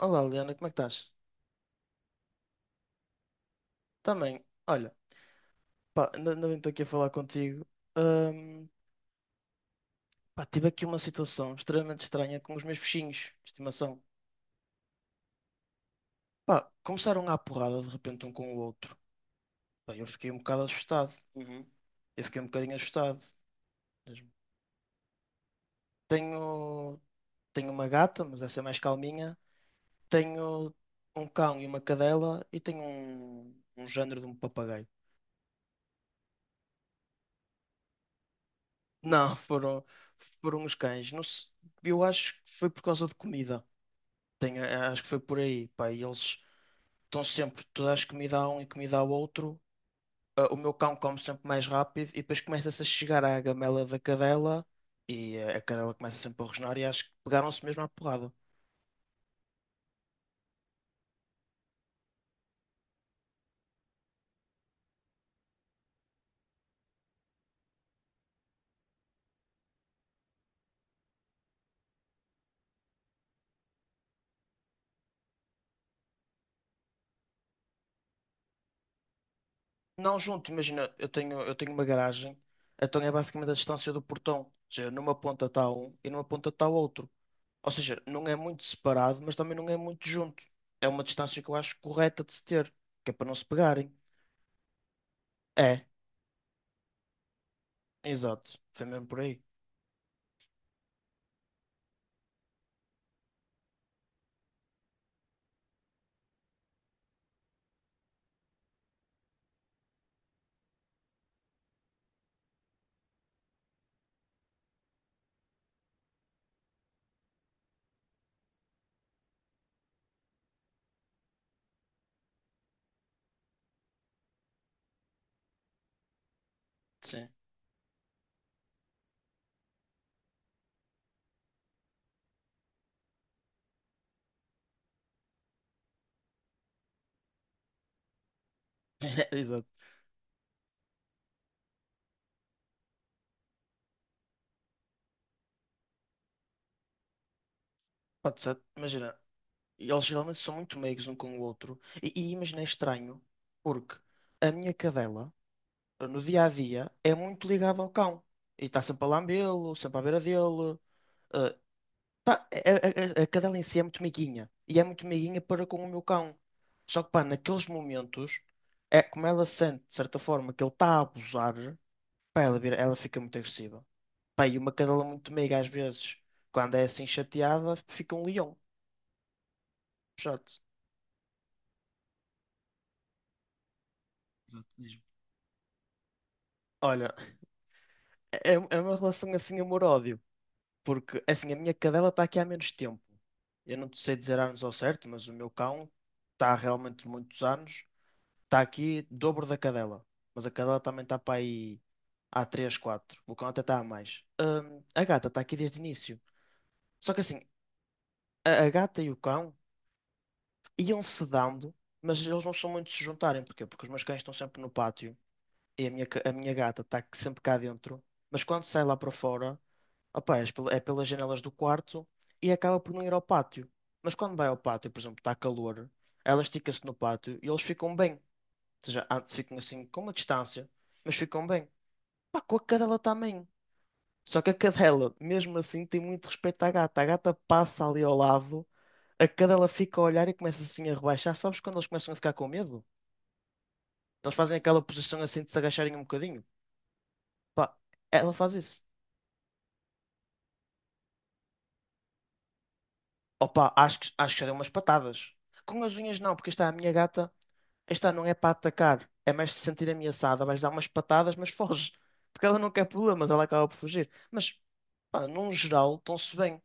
Olá, Liana, como é que estás? Também, olha, pá, ainda bem que estou aqui a falar contigo. Ahm, pá, tive aqui uma situação extremamente estranha com os meus peixinhos de estimação. Pá, começaram à porrada de repente um com o outro. Pá, eu fiquei um bocado assustado. Uhum. Eu fiquei um bocadinho assustado mesmo. Tenho, tenho uma gata, mas essa é mais calminha. Tenho um cão e uma cadela e tenho um género de um papagaio. Não, foram os cães. Eu acho que foi por causa de comida. Acho que foi por aí, pá. E eles estão sempre, tu dás comida a um e comida ao outro. Ah, o meu cão come sempre mais rápido e depois começa-se a chegar à gamela da cadela e a cadela começa sempre a rosnar e acho que pegaram-se mesmo à porrada. Não junto, imagina, eu tenho uma garagem, então é basicamente a distância do portão. Ou seja, numa ponta está um e numa ponta está o outro. Ou seja, não é muito separado, mas também não é muito junto. É uma distância que eu acho correta de se ter, que é para não se pegarem. É, exato. Foi mesmo por aí. Sim, exato. Pode ser, imagina, eles geralmente são muito meigos um com o outro. E imagina, é estranho, porque a minha cadela, no dia a dia, é muito ligada ao cão. E está sempre a lambê-lo, sempre à beira dele. eh, pá, a cadela em si é muito meiguinha. E é muito meiguinha para com o meu cão. Só que, pá, naqueles momentos, é como ela sente, de certa forma, que ele está a abusar, pá, ela fica muito agressiva. Pá, e uma cadela muito meiga, às vezes, quando é assim chateada, fica um leão. Chato. Exato, diz-me. Olha, é uma relação assim amor-ódio, porque assim, a minha cadela está aqui há menos tempo. Eu não te sei dizer anos ao certo, mas o meu cão está realmente muitos anos, está aqui dobro da cadela. Mas a cadela também está para aí há 3, 4. O cão até está a mais. A gata está aqui desde o início. Só que assim, a gata e o cão iam se dando, mas eles não são muito de se juntarem. Porquê? Porque os meus cães estão sempre no pátio e a minha, a minha gata está sempre cá dentro, mas quando sai lá para fora, opá, é pelas janelas do quarto e acaba por não ir ao pátio. Mas quando vai ao pátio, por exemplo, está calor, ela estica-se no pátio e eles ficam bem. Ou seja, antes ficam assim com uma distância, mas ficam bem. Pá, com a cadela também. Só que a cadela, mesmo assim, tem muito respeito à gata. A gata passa ali ao lado, a cadela fica a olhar e começa assim a rebaixar. Sabes quando eles começam a ficar com medo? Eles fazem aquela posição assim de se agacharem um bocadinho. Pá, ela faz isso. Opa, acho que já dei umas patadas. Com as unhas não, porque esta é a minha gata, esta não é para atacar, é mais se sentir ameaçada, vais dar umas patadas, mas foge. Porque ela não quer problemas, ela acaba por fugir. Mas, pá, num geral, estão-se bem.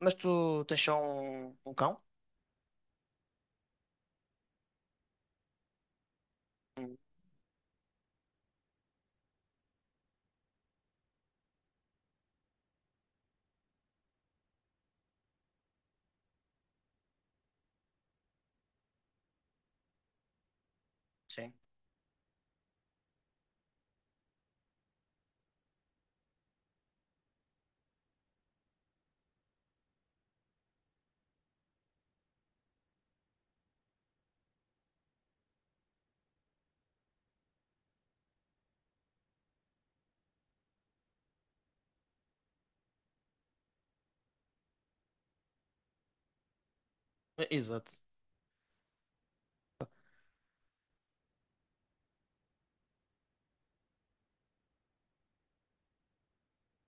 Mas tu tens só um cão? Hum. Sim. Exato.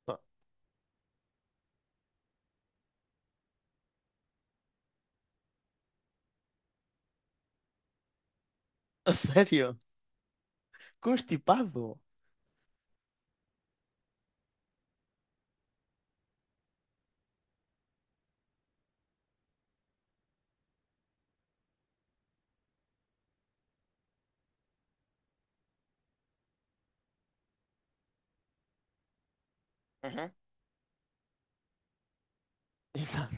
Pá, a sério? Constipado? Uhum. Exato.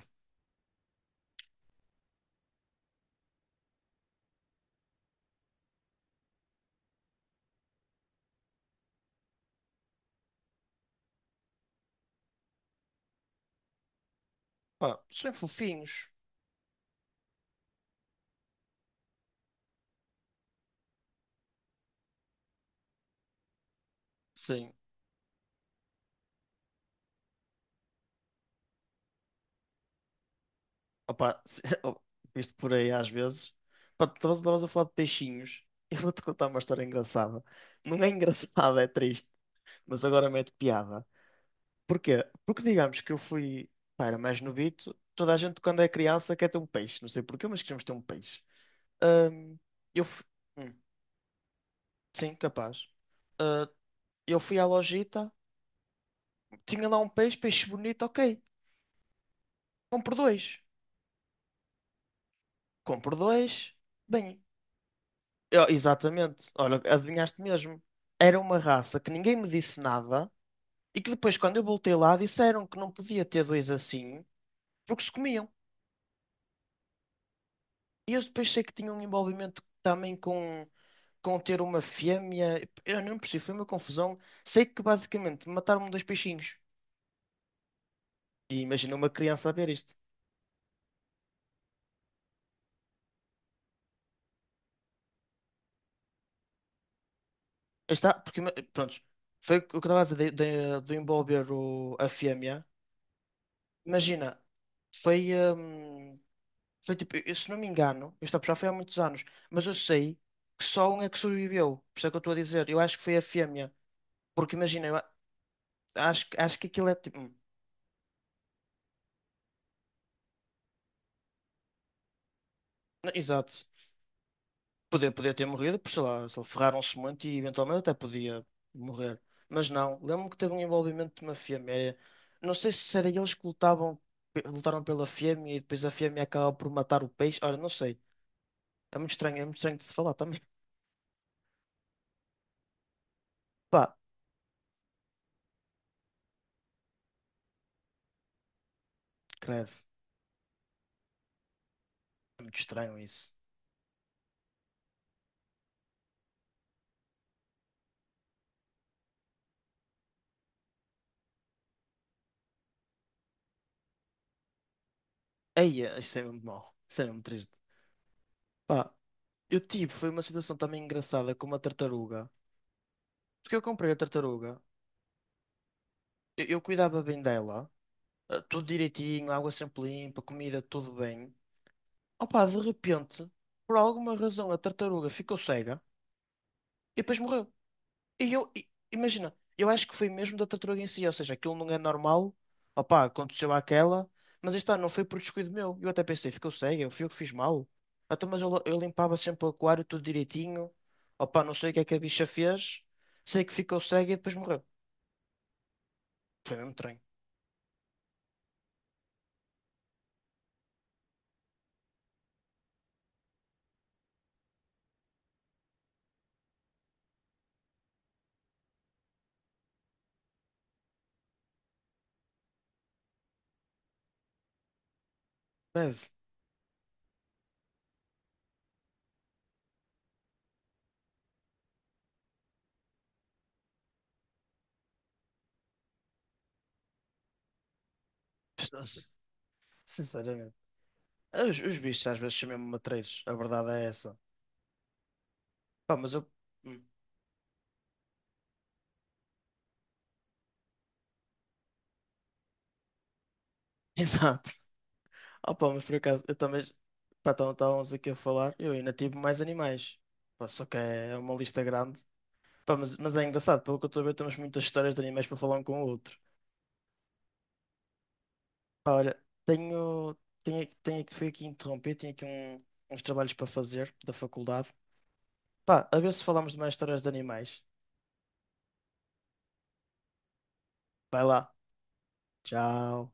Pá, são fofinhos. Sim. Opa, visto por aí às vezes. Pá, tu estavas a falar de peixinhos. Eu vou-te contar uma história engraçada. Não é engraçada, é triste. Mas agora mete piada. Porquê? Porque digamos que eu fui. Pá, era mais novito. Toda a gente, quando é criança, quer ter um peixe. Não sei porquê, mas queremos ter um peixe. Ahm, eu fui. hum, sim, capaz. Ah, eu fui à lojita. Tinha lá um peixe, peixe bonito, ok. Compro dois. Compro dois. Bem. Exatamente. Olha, adivinhaste mesmo. Era uma raça que ninguém me disse nada e que depois, quando eu voltei lá, disseram que não podia ter dois assim porque se comiam. E eu depois sei que tinha um envolvimento também com ter uma fêmea. Eu não percebi, foi uma confusão. Sei que basicamente mataram-me dois peixinhos. E imagina uma criança a ver isto. Está, porque, pronto, foi o que eu estava a dizer de envolver a fêmea. Imagina, foi. Foi tipo, eu, se não me engano, isto já foi há muitos anos, mas eu sei que só um é que sobreviveu. Por isso é que eu estou a dizer. Eu acho que foi a fêmea. Porque imagina, acho que aquilo é tipo. Exato. Podia ter morrido, por sei lá, se ele ferraram-se muito e eventualmente até podia morrer. Mas não, lembro-me que teve um envolvimento de uma fêmea. Não sei se era eles que lutavam, lutaram pela fêmea e depois a fêmea acaba por matar o peixe. Ora, não sei. É muito estranho de se falar também. Pá, credo. É muito estranho isso. Ei, é, isto é mesmo mau. Isto é mesmo triste. Pá, eu tive, foi uma situação também engraçada com uma tartaruga. Porque eu comprei a tartaruga, eu cuidava bem dela, tudo direitinho, água sempre limpa, comida tudo bem. Opa, de repente, por alguma razão, a tartaruga ficou cega e depois morreu. Imagina, eu acho que foi mesmo da tartaruga em si, ou seja, aquilo não é normal, opá, aconteceu aquela, mas aí está, não foi por descuido meu. Eu até pensei, ficou cega, eu fui eu que fiz mal. Ah, então, eu limpava sempre o aquário tudo direitinho, opá, não sei o que é que a bicha fez, sei que ficou cega e depois morreu. Foi mesmo estranho. Breve. Sinceramente. Os bichos às vezes são mesmo matreiros, a verdade é essa. Pá, mas eu. Hum. Exato. Opa, mas por acaso, eu também. Pá, então estávamos aqui a falar, eu ainda tive mais animais. Pá, só que é uma lista grande. Pá, mas é engraçado, pelo que eu estou a ver, temos muitas histórias de animais para falar um com o outro. Pá, olha, tenho. Tenho que fui aqui interromper, tenho aqui uns trabalhos para fazer da faculdade. Pá, a ver se falamos de mais histórias de animais. Vai lá. Tchau.